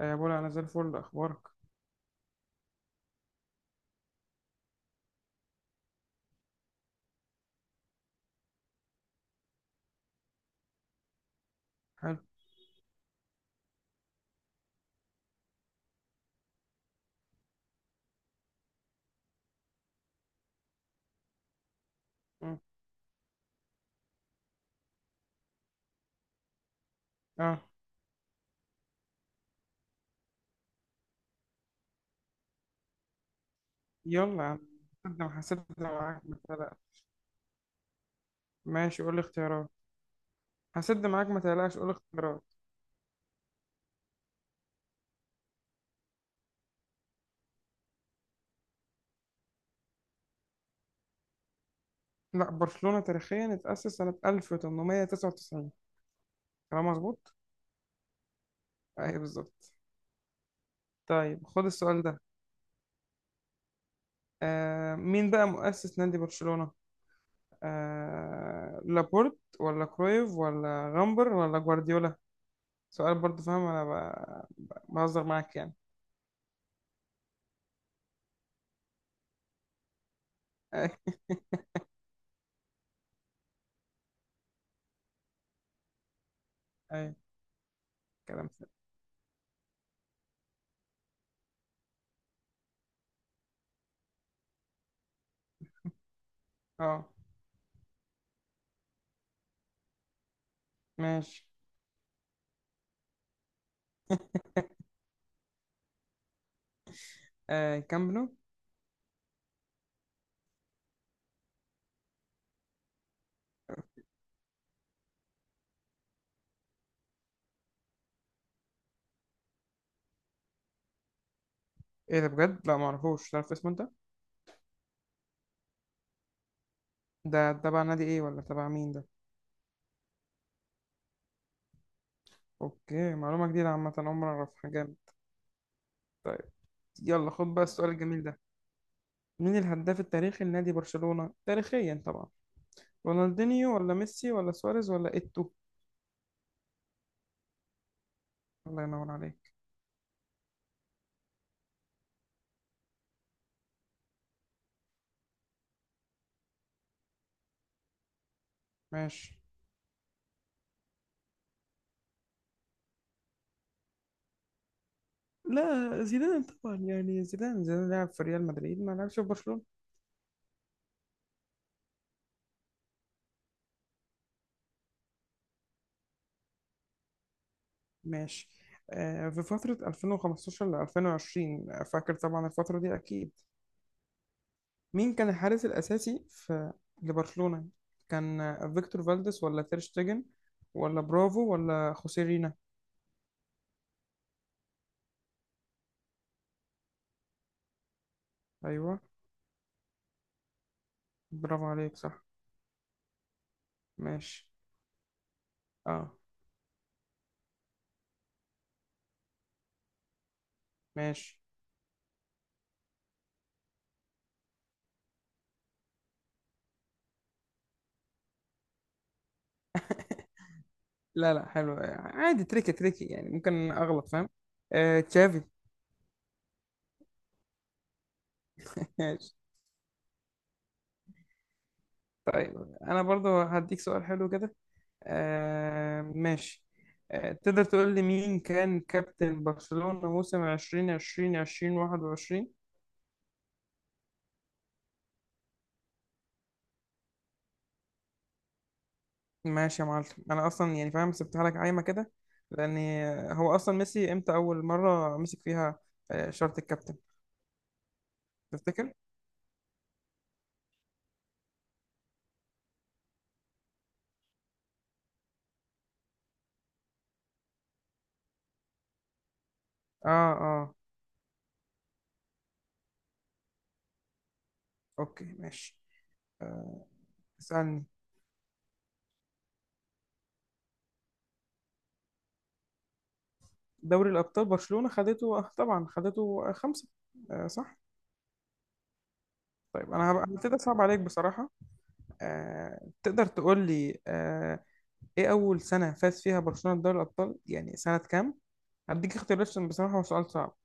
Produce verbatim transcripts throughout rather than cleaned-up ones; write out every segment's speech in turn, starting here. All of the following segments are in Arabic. آه، يا بولا انا زي الفل اخبارك. حلو. مم. اه يلا يا عم. هسد هسد معاك ما تقلقش. ماشي، قول لي اختيارات. هسد معاك ما تقلقش، قول لي اختيارات. لا، برشلونة تاريخيا اتأسس سنة ألف وتمنمية وتسعة وتسعين. كلام مظبوط. ايوه بالظبط. طيب خد السؤال ده. آه مين بقى مؤسس نادي برشلونة؟ آه لابورت ولا كرويف ولا غامبر ولا جوارديولا؟ سؤال برضه، فاهم انا ب- ب- بهزر معاك يعني. ايوه. أيوة، كلام سهل. اه ماشي. آه كامب نو. ايه ده بجد، لا معرفوش، تعرف اسمه انت؟ ده تبع نادي ايه ولا تبع مين ده؟ اوكي، معلومة جديدة عامة عمري ما اعرفها، جامد. يلا خد بقى السؤال الجميل ده. مين الهداف التاريخي لنادي برشلونة، تاريخيا طبعا؟ رونالدينيو ولا ميسي ولا سواريز ولا ايتو؟ الله ينور عليك. ماشي. لا، زيدان طبعا، يعني زيدان زيدان لعب في ريال مدريد ما لعبش في برشلونة. ماشي. آه في فترة ألفين وخمستاشر ل ألفين وعشرين، فاكر طبعا الفترة دي أكيد. مين كان الحارس الأساسي في لبرشلونة؟ كان فيكتور فالديس ولا تير شتيجن ولا برافو ولا خوسيه رينا؟ أيوه، برافو عليك صح. ماشي. اه ماشي. لا لا، حلو عادي، تريكي تريكي يعني ممكن أغلط، فاهم. آه تشافي. ماشي. طيب أنا برضو هديك سؤال حلو كده. آه ماشي. آه تقدر تقول لي مين كان كابتن برشلونة موسم ألفين وعشرين ألفين وواحد وعشرين؟ ماشي يا معلم. انا اصلا يعني فاهم سبتها لك عايمه كده، لان هو اصلا ميسي امتى اول مره مسك فيها آه، شارة الكابتن، تفتكر؟ اه، اه. اوكي ماشي. آه، اسالني. دوري الابطال برشلونه خدته، آه، طبعا خدته آه، خمسه. آه صح. طيب انا هبقى هبتدي اصعب عليك بصراحه. آه تقدر تقول لي آه ايه اول سنه فاز فيها برشلونه بدوري الابطال، يعني سنه كام؟ هديك اختيارات عشان بصراحة هو سؤال صعب.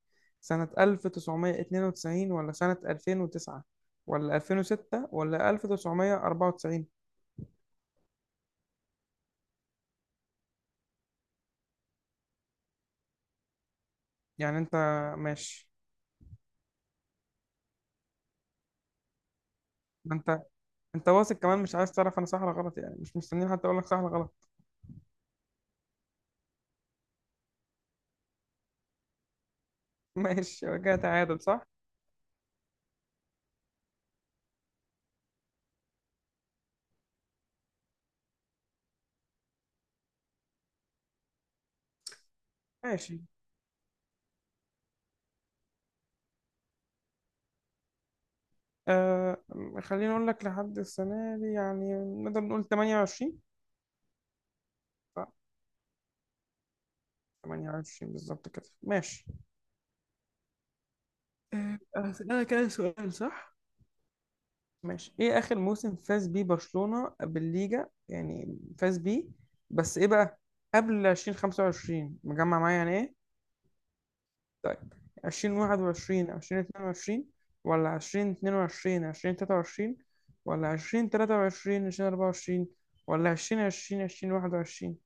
سنة ألف وتسعمائة واثنين وتسعين ولا سنة ألفين وتسعة ولا ألفين وستة ولا ألف وتسعمية واربعة وتسعين؟ يعني انت. ماشي. ما انت. انت واثق كمان مش عايز تعرف انا صح ولا غلط، يعني مش مستنيين حتى اقول لك صح ولا غلط. ماشي يبقى كده تعادل صح. ماشي. آه خليني اقول لك لحد السنة دي يعني. نقدر نقول ثمانية وعشرون. صح. تمنية وعشرين بالظبط كده، ماشي. آه، هسألك أنا سؤال، صح؟ ماشي، ايه اخر موسم فاز بيه برشلونة بالليجا، يعني فاز بيه بس ايه بقى قبل ألفين وخمسة وعشرين مجمع معايا يعني، ايه؟ طيب، ألفين وواحد وعشرين ألفين واتنين وعشرين ولا ألفين واتنين وعشرين ألفين وتلاتة وعشرين ولا ألفين وتلاتة وعشرين ألفين واربعة وعشرين ولا ألفين وعشرين ألفين وواحد وعشرين؟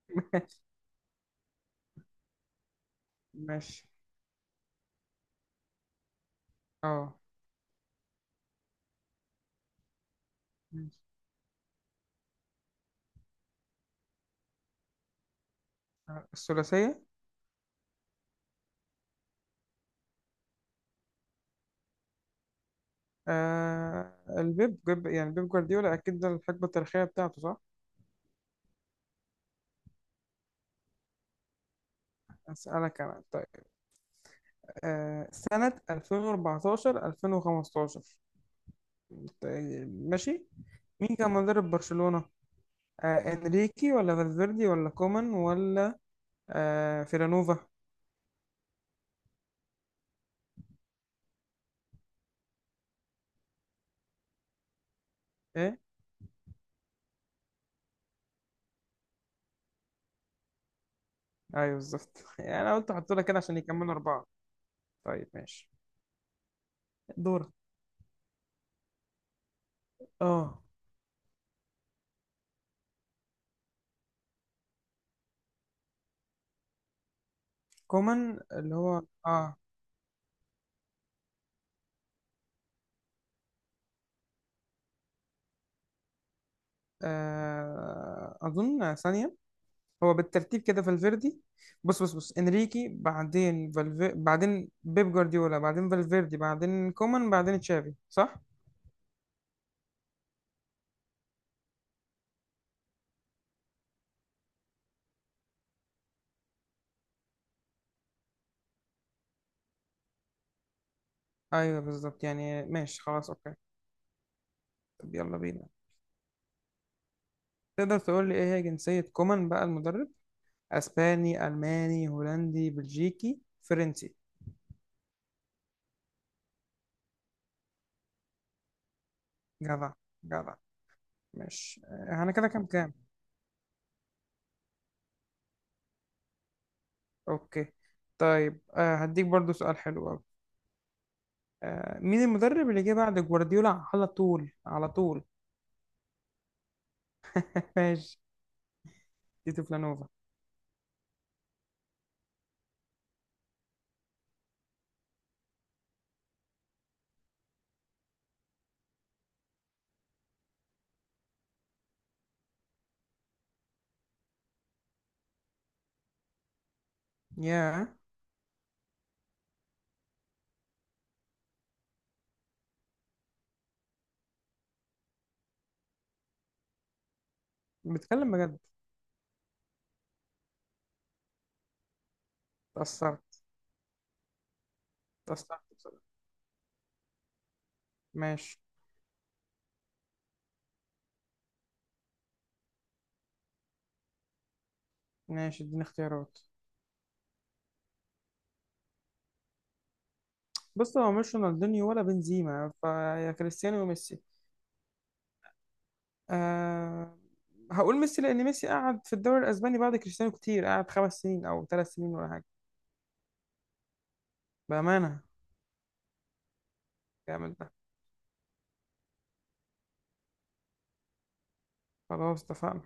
ماشي. اه ماشي. آه، الثلاثية. آه البيب جيب- يعني بيب جوارديولا اكيد، ده الحقبة التاريخية بتاعته صح. اسالك انا طيب. آه، سنة ألفين واربعتاشر ألفين وخمستاشر. آه، ماشي. مين كان مدرب برشلونة؟ آه، انريكي ولا فالفيردي ولا كومان ولا آه، فيلانوفا؟ ايه؟ ايوه بالظبط. يعني انا قلت احط لك كده عشان يكملوا اربعة. طيب ماشي. دورك. اه كومان اللي هو اه, آه اظن ثانية. هو بالترتيب كده، فالفيردي. بص بص بص، انريكي بعدين فالفي... بعدين بيب جوارديولا بعدين فالفيردي بعدين كومان بعدين تشافي، صح؟ ايوه بالظبط يعني، ماشي خلاص اوكي. طب يلا بينا. تقدر تقول لي ايه هي جنسية كومان بقى المدرب؟ اسباني، الماني، هولندي، بلجيكي، فرنسي؟ جدع. جدع. ماشي آه، انا كده كام كام. اوكي طيب. آه هديك برضو سؤال حلو قوي. آه مين المدرب اللي جه بعد جوارديولا على طول على طول؟ ماشي. تيتو فلانوفا. ياه. بتكلم بجد؟ اتأثرت. اتأثرت بصراحة. ماشي. ماشي اديني اختيارات. بص هو مش رونالدينيو ولا بنزيما، فيا كريستيانو وميسي. أه. هقول ميسي لأن ميسي قعد في الدوري الأسباني بعد كريستيانو كتير، قعد خمس سنين أو ثلاث سنين ولا حاجة. بأمانة. كامل ده. خلاص اتفقنا.